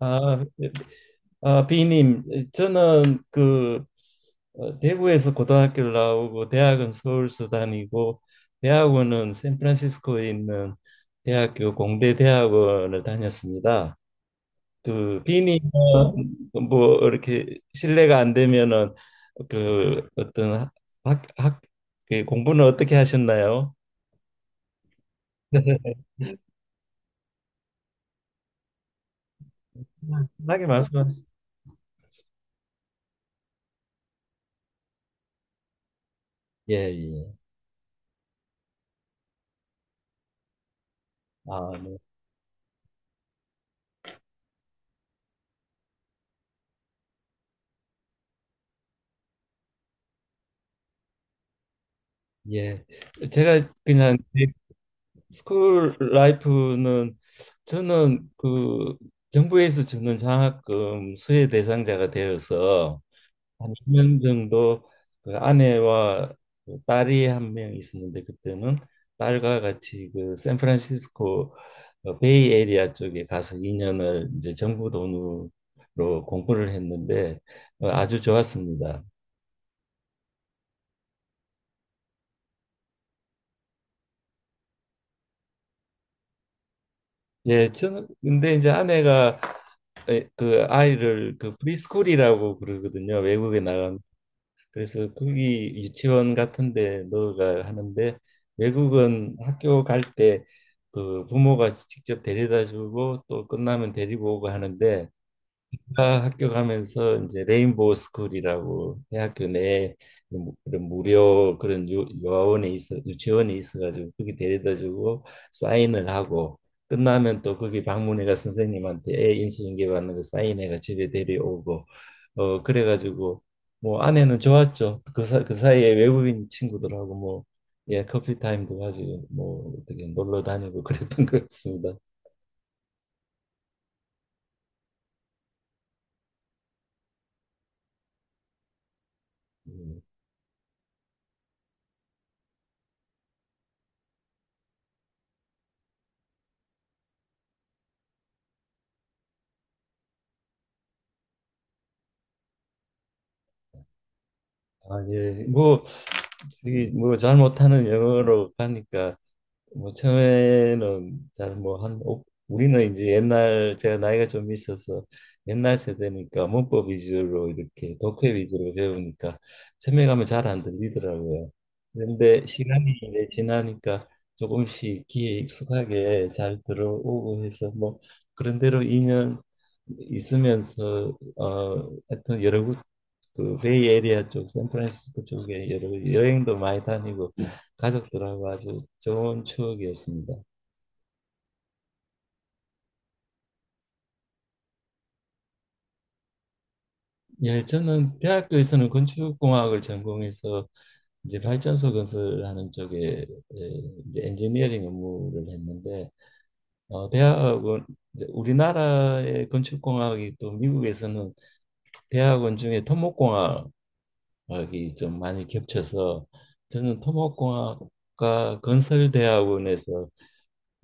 아, 비님, 저는 그 대구에서 고등학교를 나오고 대학은 서울서 다니고, 대학원은 샌프란시스코에 있는 대학교 공대 대학원을 다녔습니다. 그 비님은 뭐 이렇게 실례가 안 되면은 그 어떤 학, 학, 그 공부는 어떻게 하셨나요? 편하게 말씀하세요. 예, 예. 아, 네. 예. 제가 그냥 스쿨 라이프는, 저는 그 정부에서 주는 장학금 수혜 대상자가 되어서 한 2년 정도 그 아내와 그 딸이 한 명 있었는데, 그때는 딸과 같이 그 샌프란시스코 베이 에리아 쪽에 가서 2년을 이제 정부 돈으로 공부를 했는데, 아주 좋았습니다. 예, 저는 근데 이제 아내가, 그 아이를 그 프리스쿨이라고 그러거든요, 외국에 나간. 그래서 거기 유치원 같은데 넣어가 하는데, 외국은 학교 갈, 아, 학교 가면서 이제 레인보우 스쿨이라고 대학교 내에 뭐 그런 무료 그런 요아원에 있어 유치원에 있어가지고 거기 데려다주고 사인을 하고, 끝나면 또 거기 방문해가 선생님한테 애 인수인계 받는 거 사인해가 집에 데려오고, 그래가지고, 뭐 아내는 좋았죠. 그, 그 사이에 외국인 친구들하고 뭐, 예, 커피 타임도 가지고 뭐 어떻게 놀러 다니고 그랬던 것 같습니다. 음. 아, 예. 뭐, 이게 뭐, 잘 못하는 영어로 가니까, 뭐, 처음에는 잘 뭐, 한, 우리는 이제 옛날, 제가 나이가 좀 있어서 옛날 세대니까 문법 위주로 이렇게 독해 위주로 배우니까 처음에 가면 잘 안 들리더라고요. 그런데 시간이 이제 지나니까 조금씩 귀에 익숙하게 잘 들어오고 해서 뭐, 그런대로 2년 있으면서, 하여튼 여러 그 베이 에리아 쪽 샌프란시스코 쪽에 여러 여행도 많이 다니고 가족들하고 아주 좋은 추억이었습니다. 예, 저는 대학교에서는 건축공학을 전공해서 이제 발전소 건설하는 쪽에, 예, 이제 엔지니어링 업무를 했는데, 대학원, 이제 우리나라의 건축공학이 또 미국에서는 대학원 중에 토목공학이 좀 많이 겹쳐서 저는 토목공학과 건설대학원에서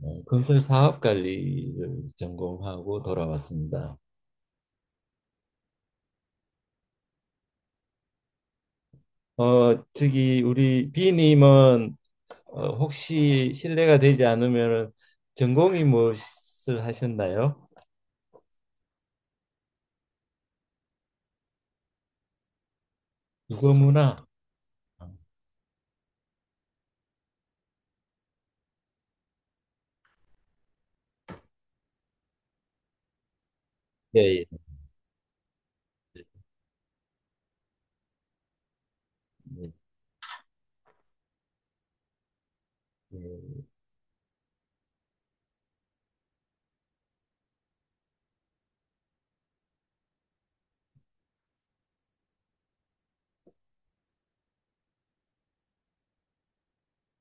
건설 사업 관리를 전공하고 돌아왔습니다. 저기, 우리 비님은 혹시 실례가 되지 않으면 전공이 무엇을 하셨나요? 국어문화. 예, 예, 예, 예.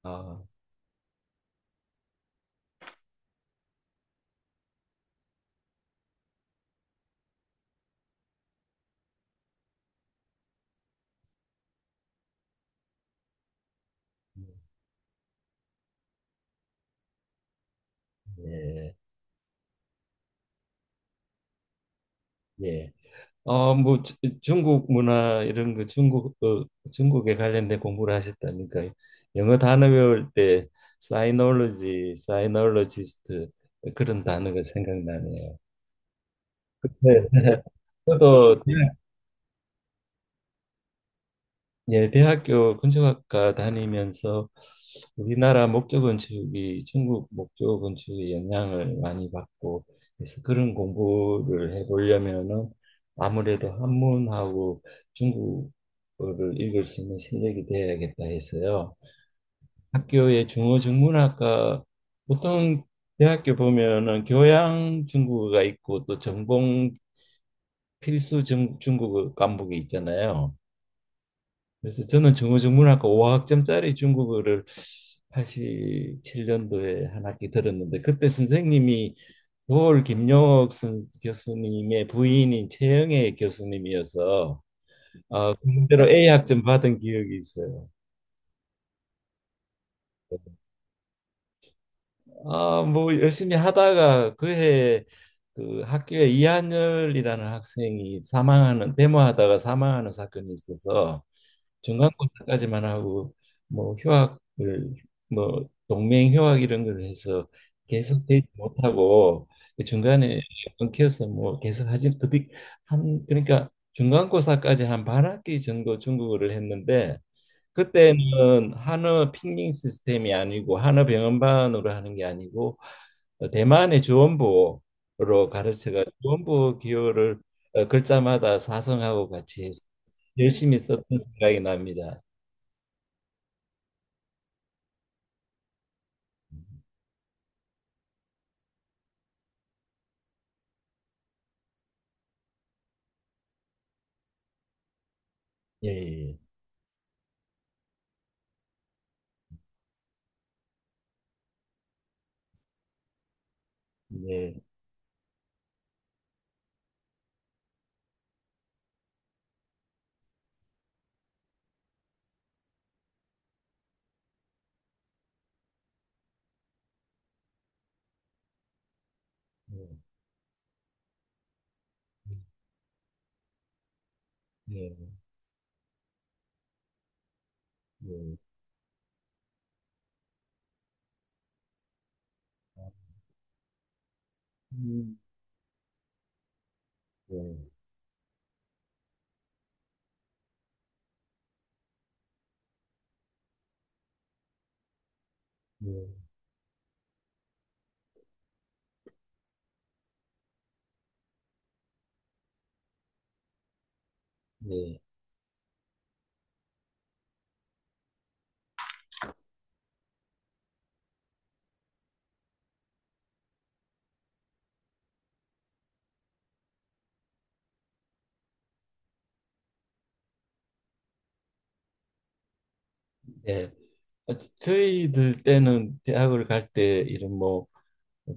아, 예, 예. 뭐 중국 문화 이런 거, 중국 중국에 관련된 공부를 하셨다니까 영어 단어 배울 때 사이놀로지, 사이놀로지스트 그런 단어가 생각나네요. 네. 저도 예, 대학교 건축학과 다니면서 우리나라 목조 건축이 중국 목조 건축의 영향을 많이 받고, 그래서 그런 공부를 해보려면은 아무래도 한문하고 중국어를 읽을 수 있는 실력이 돼야겠다 해서요. 학교의 중어중문학과, 보통 대학교 보면은 교양 중국어가 있고 또 전공 필수 중국어 과목이 있잖아요. 그래서 저는 중어중문학과 5학점짜리 중국어를 87년도에 한 학기 들었는데, 그때 선생님이 도올 김용옥 교수님의 부인인 최영애 교수님이어서 그대로 A 학점 받은 기억이 있어요. 아, 뭐 열심히 하다가, 그해 그 학교에 이한열이라는 학생이 사망하는, 데모하다가 사망하는 사건이 있어서 중간고사까지만 하고, 뭐 휴학을, 뭐 동맹 휴학 이런 걸 해서 계속 되지 못하고 그 중간에 끊겨서, 뭐 계속 하지, 그뒤 한, 그러니까 중간고사까지 한 반 학기 정도 중국어를 했는데, 그때는 한어 핑링 시스템이 아니고, 한어 병음반으로 하는 게 아니고 대만의 주원부로 가르쳐가 주원부 기호를, 글자마다 사성하고 같이 해서 열심히 썼던 생각이 납니다. 예, 예, 예, 네, 예, 예, 예. 음, 예, 예, 예. 예. 저희들 때는 대학을 갈 때 이런 뭐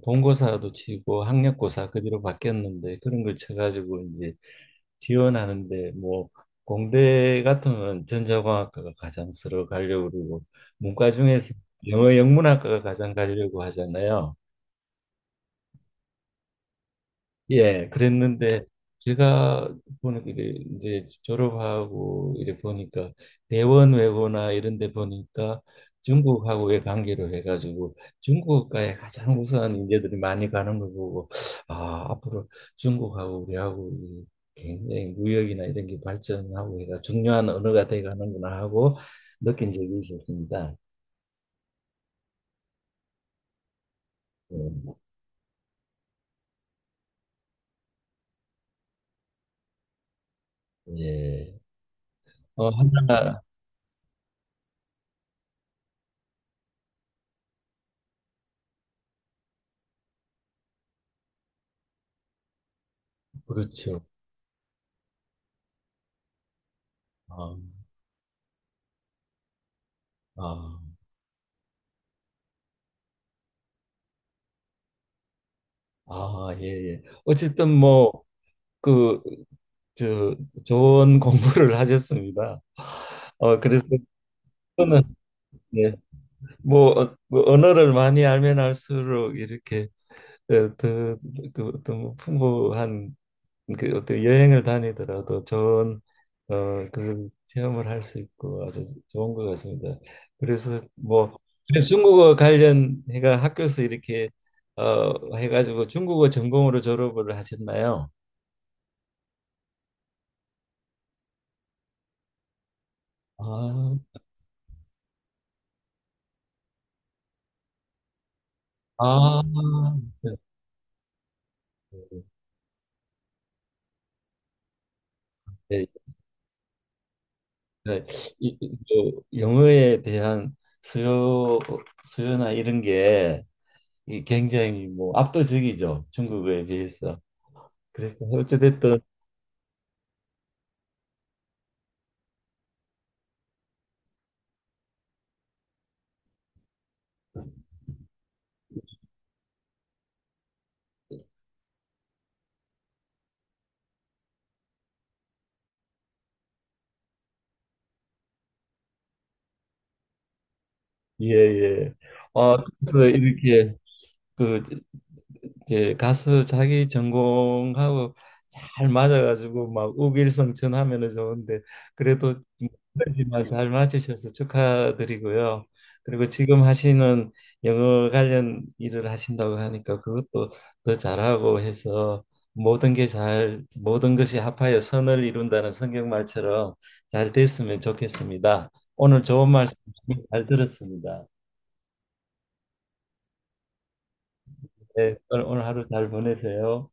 본고사도 치고, 학력고사 그 뒤로 바뀌었는데, 그런 걸 쳐가지고 이제 지원하는데, 뭐 공대 같으면 전자공학과가 가장 서로 가려고 그러고, 문과 중에서 영어 영문학과가 가장 가려고 하잖아요. 예, 그랬는데 제가 보는 게, 이제 졸업하고 이래 보니까 대원 외고나 이런 데 보니까 중국하고의 관계로 해가지고 중국과의 가장 우수한 인재들이 많이 가는 걸 보고, 아 앞으로 중국하고 우리하고 이 굉장히 무역이나 이런 게 발전하고 해가 중요한 언어가 돼가는구나 하고 느낀 적이 있었습니다. 예, 하나. 그렇죠. 어, 어. 아, 예, 예. 어쨌든 뭐, 그, 저, 좋은 공부를 하셨습니다. 그래서 저는, 예, 뭐, 뭐 언어를 많이 알면 알수록 이렇게 더그 어떤 뭐 풍부한 그 어떤 여행을 다니더라도 좋은 어그 체험을 할 수 있고 아주 좋은 것 같습니다. 그래서 뭐, 그래서 중국어 관련 해가 학교에서 이렇게 해가지고 중국어 전공으로 졸업을 하셨나요? 아, 아, 네, 네, 네. 이, 이, 그 영어에 대한 수요 수요나 이런 게 이 굉장히 뭐 압도적이죠, 중국어에 비해서. 그래서 어찌됐든 예예. 아 그래서 이렇게 그 이제 가서 자기 전공하고 잘 맞아가지고 막 우길성천하면은 좋은데, 그래도 힘들지만 잘 맞으셔서 축하드리고요. 그리고 지금 하시는 영어 관련 일을 하신다고 하니까 그것도 더 잘하고 해서 모든 게 잘, 모든 것이 합하여 선을 이룬다는 성경 말처럼 잘 됐으면 좋겠습니다. 오늘 좋은 말씀 잘 들었습니다. 네, 오늘 하루 잘 보내세요.